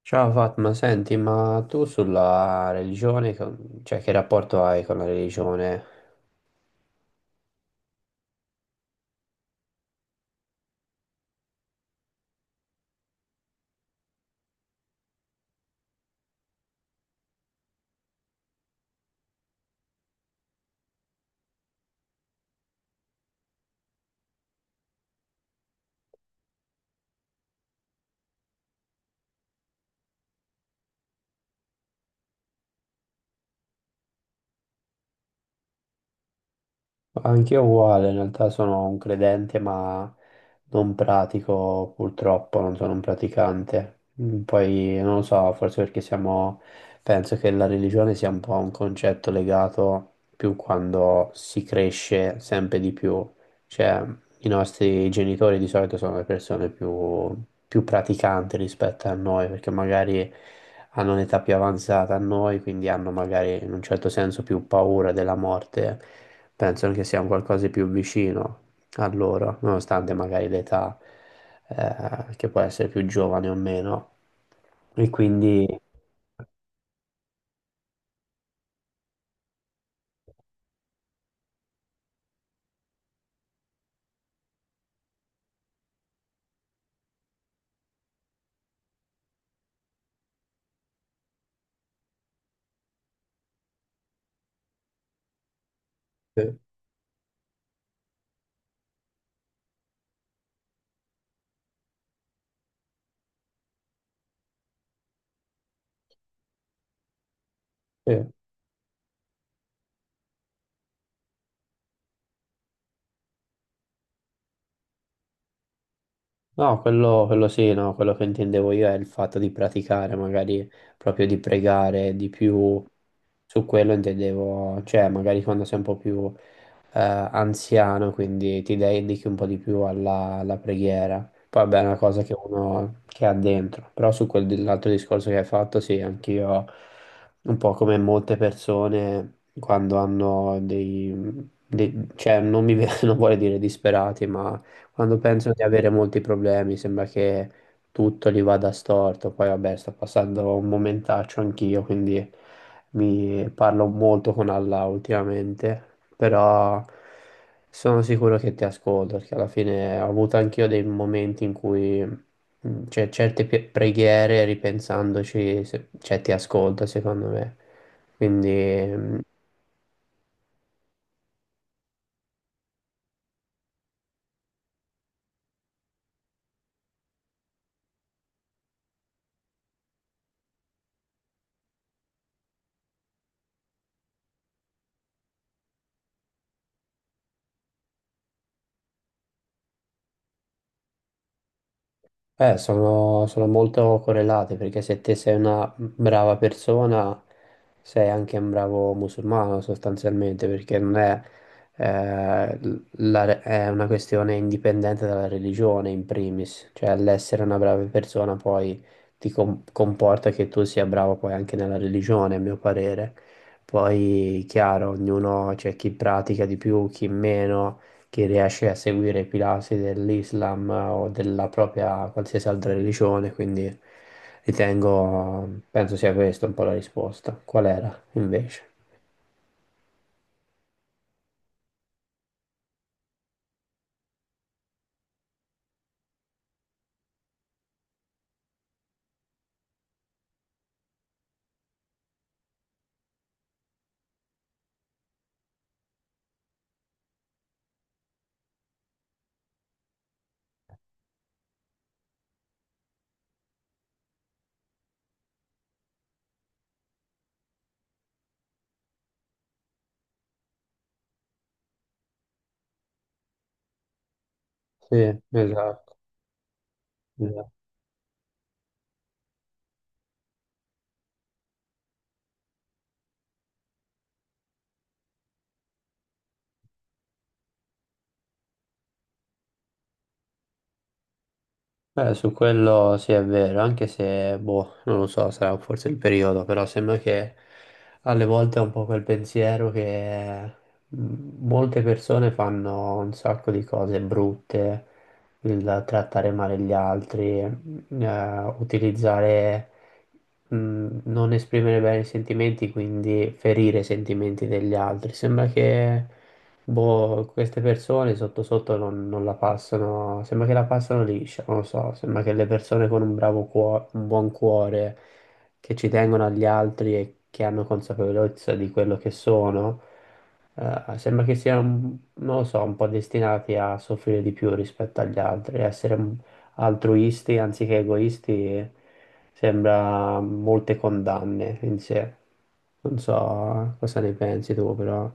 Ciao Fatma, senti, ma tu sulla religione, cioè che rapporto hai con la religione? Anch'io uguale, in realtà sono un credente, ma non pratico purtroppo, non sono un praticante. Poi non lo so, forse perché siamo, penso che la religione sia un po' un concetto legato più quando si cresce sempre di più. Cioè, i nostri genitori di solito sono le persone più, più praticanti rispetto a noi, perché magari hanno un'età più avanzata a noi, quindi hanno magari in un certo senso più paura della morte, pensano che sia un qualcosa di più vicino a loro, nonostante magari l'età che può essere più giovane o meno. E quindi... Sì, sì. No, quello sì, no, quello che intendevo io è il fatto di praticare, magari proprio di pregare di più, su quello intendevo, cioè magari quando sei un po' più anziano, quindi ti dedichi un po' di più alla, preghiera. Poi vabbè, è una cosa che uno che ha dentro, però su quell'altro discorso che hai fatto, sì, anch'io, un po' come molte persone quando hanno cioè non mi, non vuole dire disperati, ma quando penso di avere molti problemi, sembra che tutto gli vada storto. Poi, vabbè, sto passando un momentaccio anch'io, quindi mi parlo molto con Allah ultimamente, però sono sicuro che ti ascolto, perché alla fine ho avuto anch'io dei momenti in cui c'è certe preghiere, ripensandoci, cioè ti ascolta, secondo me. Quindi... mh, sono, molto correlate perché se te sei una brava persona, sei anche un bravo musulmano sostanzialmente, perché non è, è una questione indipendente dalla religione in primis, cioè l'essere una brava persona poi ti comporta che tu sia bravo poi anche nella religione, a mio parere. Poi, chiaro, ognuno c'è chi pratica di più, chi meno chi riesce a seguire i pilastri dell'Islam o della propria qualsiasi altra religione, quindi ritengo, penso sia questa un po' la risposta. Qual era invece? Sì, esatto. Beh, su quello sì è vero, anche se, boh, non lo so, sarà forse il periodo, però sembra che alle volte è un po' quel pensiero che molte persone fanno un sacco di cose brutte, il trattare male gli altri, utilizzare, non esprimere bene i sentimenti, quindi ferire i sentimenti degli altri. Sembra che boh, queste persone sotto sotto non, la passano, sembra che la passano liscia, non lo so, sembra che le persone con un bravo cuore, un buon cuore, che ci tengono agli altri e che hanno consapevolezza di quello che sono, sembra che siano, non lo so, un po' destinati a soffrire di più rispetto agli altri, a essere un altruisti anziché egoisti, e sembra molte condanne in sé. Non so cosa ne pensi tu, però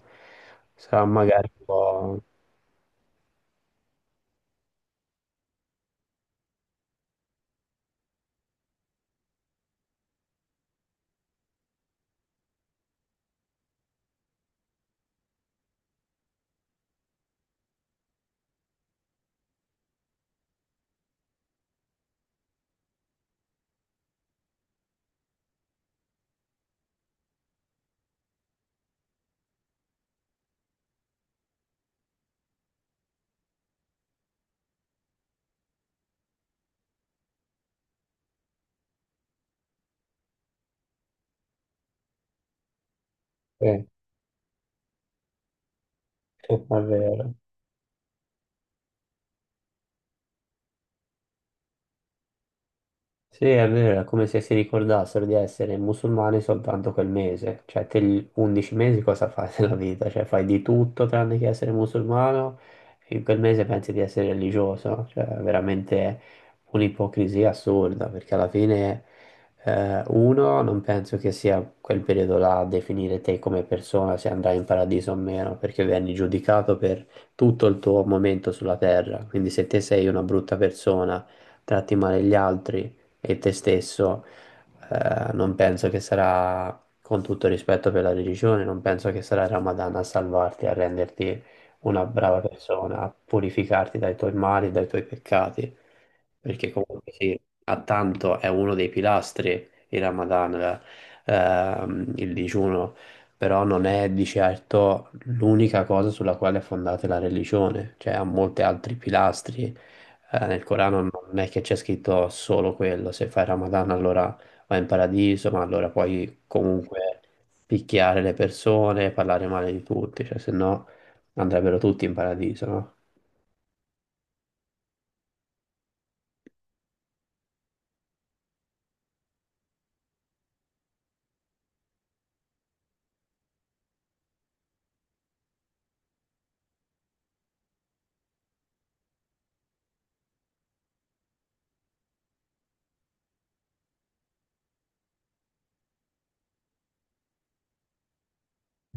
sarà magari un po'... Eh, è vero. Sì, è vero, è come se si ricordassero di essere musulmani soltanto quel mese, cioè te gli 11 mesi cosa fai nella vita? Cioè fai di tutto tranne che essere musulmano e in quel mese pensi di essere religioso, cioè è veramente un'ipocrisia assurda perché alla fine uno non penso che sia quel periodo là a definire te come persona se andrai in paradiso o meno, perché vieni giudicato per tutto il tuo momento sulla terra, quindi se te sei una brutta persona, tratti male gli altri e te stesso, non penso che sarà, con tutto rispetto per la religione, non penso che sarà il Ramadan a salvarti, a renderti una brava persona, a purificarti dai tuoi mali, dai tuoi peccati, perché comunque sì, a tanto è uno dei pilastri il Ramadan, il digiuno, però non è di certo l'unica cosa sulla quale è fondata la religione, cioè ha molti altri pilastri nel Corano non è che c'è scritto solo quello, se fai Ramadan allora vai in paradiso, ma allora puoi comunque picchiare le persone, parlare male di tutti, cioè se no andrebbero tutti in paradiso, no?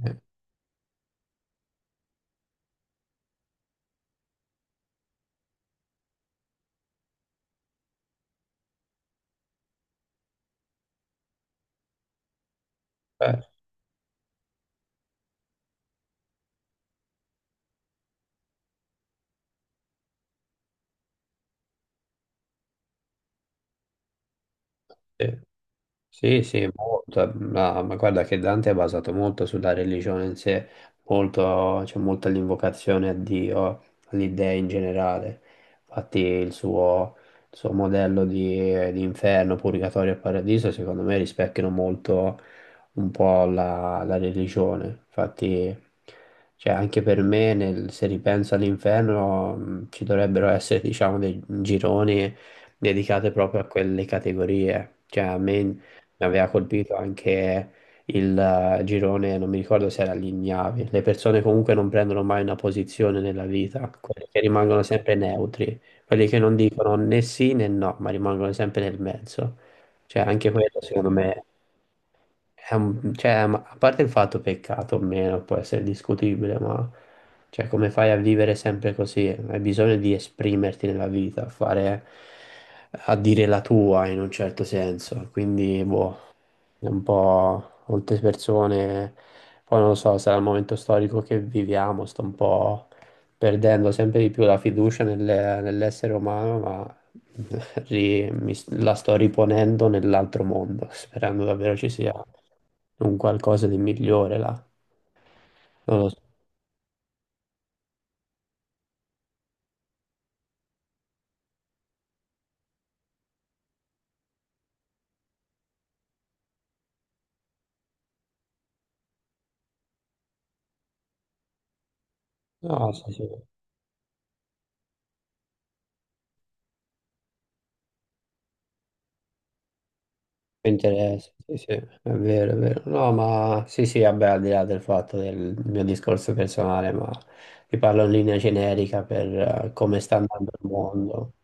Eh, eh, sì. Sì, sì, molto. Ma guarda che Dante è basato molto sulla religione in sé, molto, c'è molta l'invocazione a Dio, all'idea in generale. Infatti il suo modello di inferno, purgatorio e paradiso, secondo me rispecchiano molto un po' la, la religione. Infatti, cioè, anche per me, se ripenso all'inferno, ci dovrebbero essere, diciamo, dei gironi dedicate proprio a quelle categorie. Cioè, a me mi aveva colpito anche il girone, non mi ricordo se era l'Ignavi. Le persone comunque non prendono mai una posizione nella vita, quelli che rimangono sempre neutri, quelli che non dicono né sì né no, ma rimangono sempre nel mezzo. Cioè, anche quello secondo me è un... cioè, a parte il fatto peccato o meno, può essere discutibile, ma cioè, come fai a vivere sempre così? Hai bisogno di esprimerti nella vita, a fare... a dire la tua in un certo senso, quindi boh un po' molte persone, poi non lo so, sarà il momento storico che viviamo, sto un po' perdendo sempre di più la fiducia nell'essere umano, ma la sto riponendo nell'altro mondo, sperando davvero ci sia un qualcosa di migliore là. Non lo so. No, sì, sì. Mi interessa, sì, sì, è vero, è vero. No, ma sì, sì, vabbè, al di là del fatto del mio discorso personale, ma ti parlo in linea generica per come sta andando il mondo.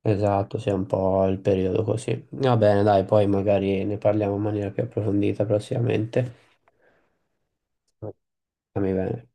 Esatto, sì, è un po' il periodo così. Va bene, dai, poi magari ne parliamo in maniera più approfondita prossimamente. Stammi bene.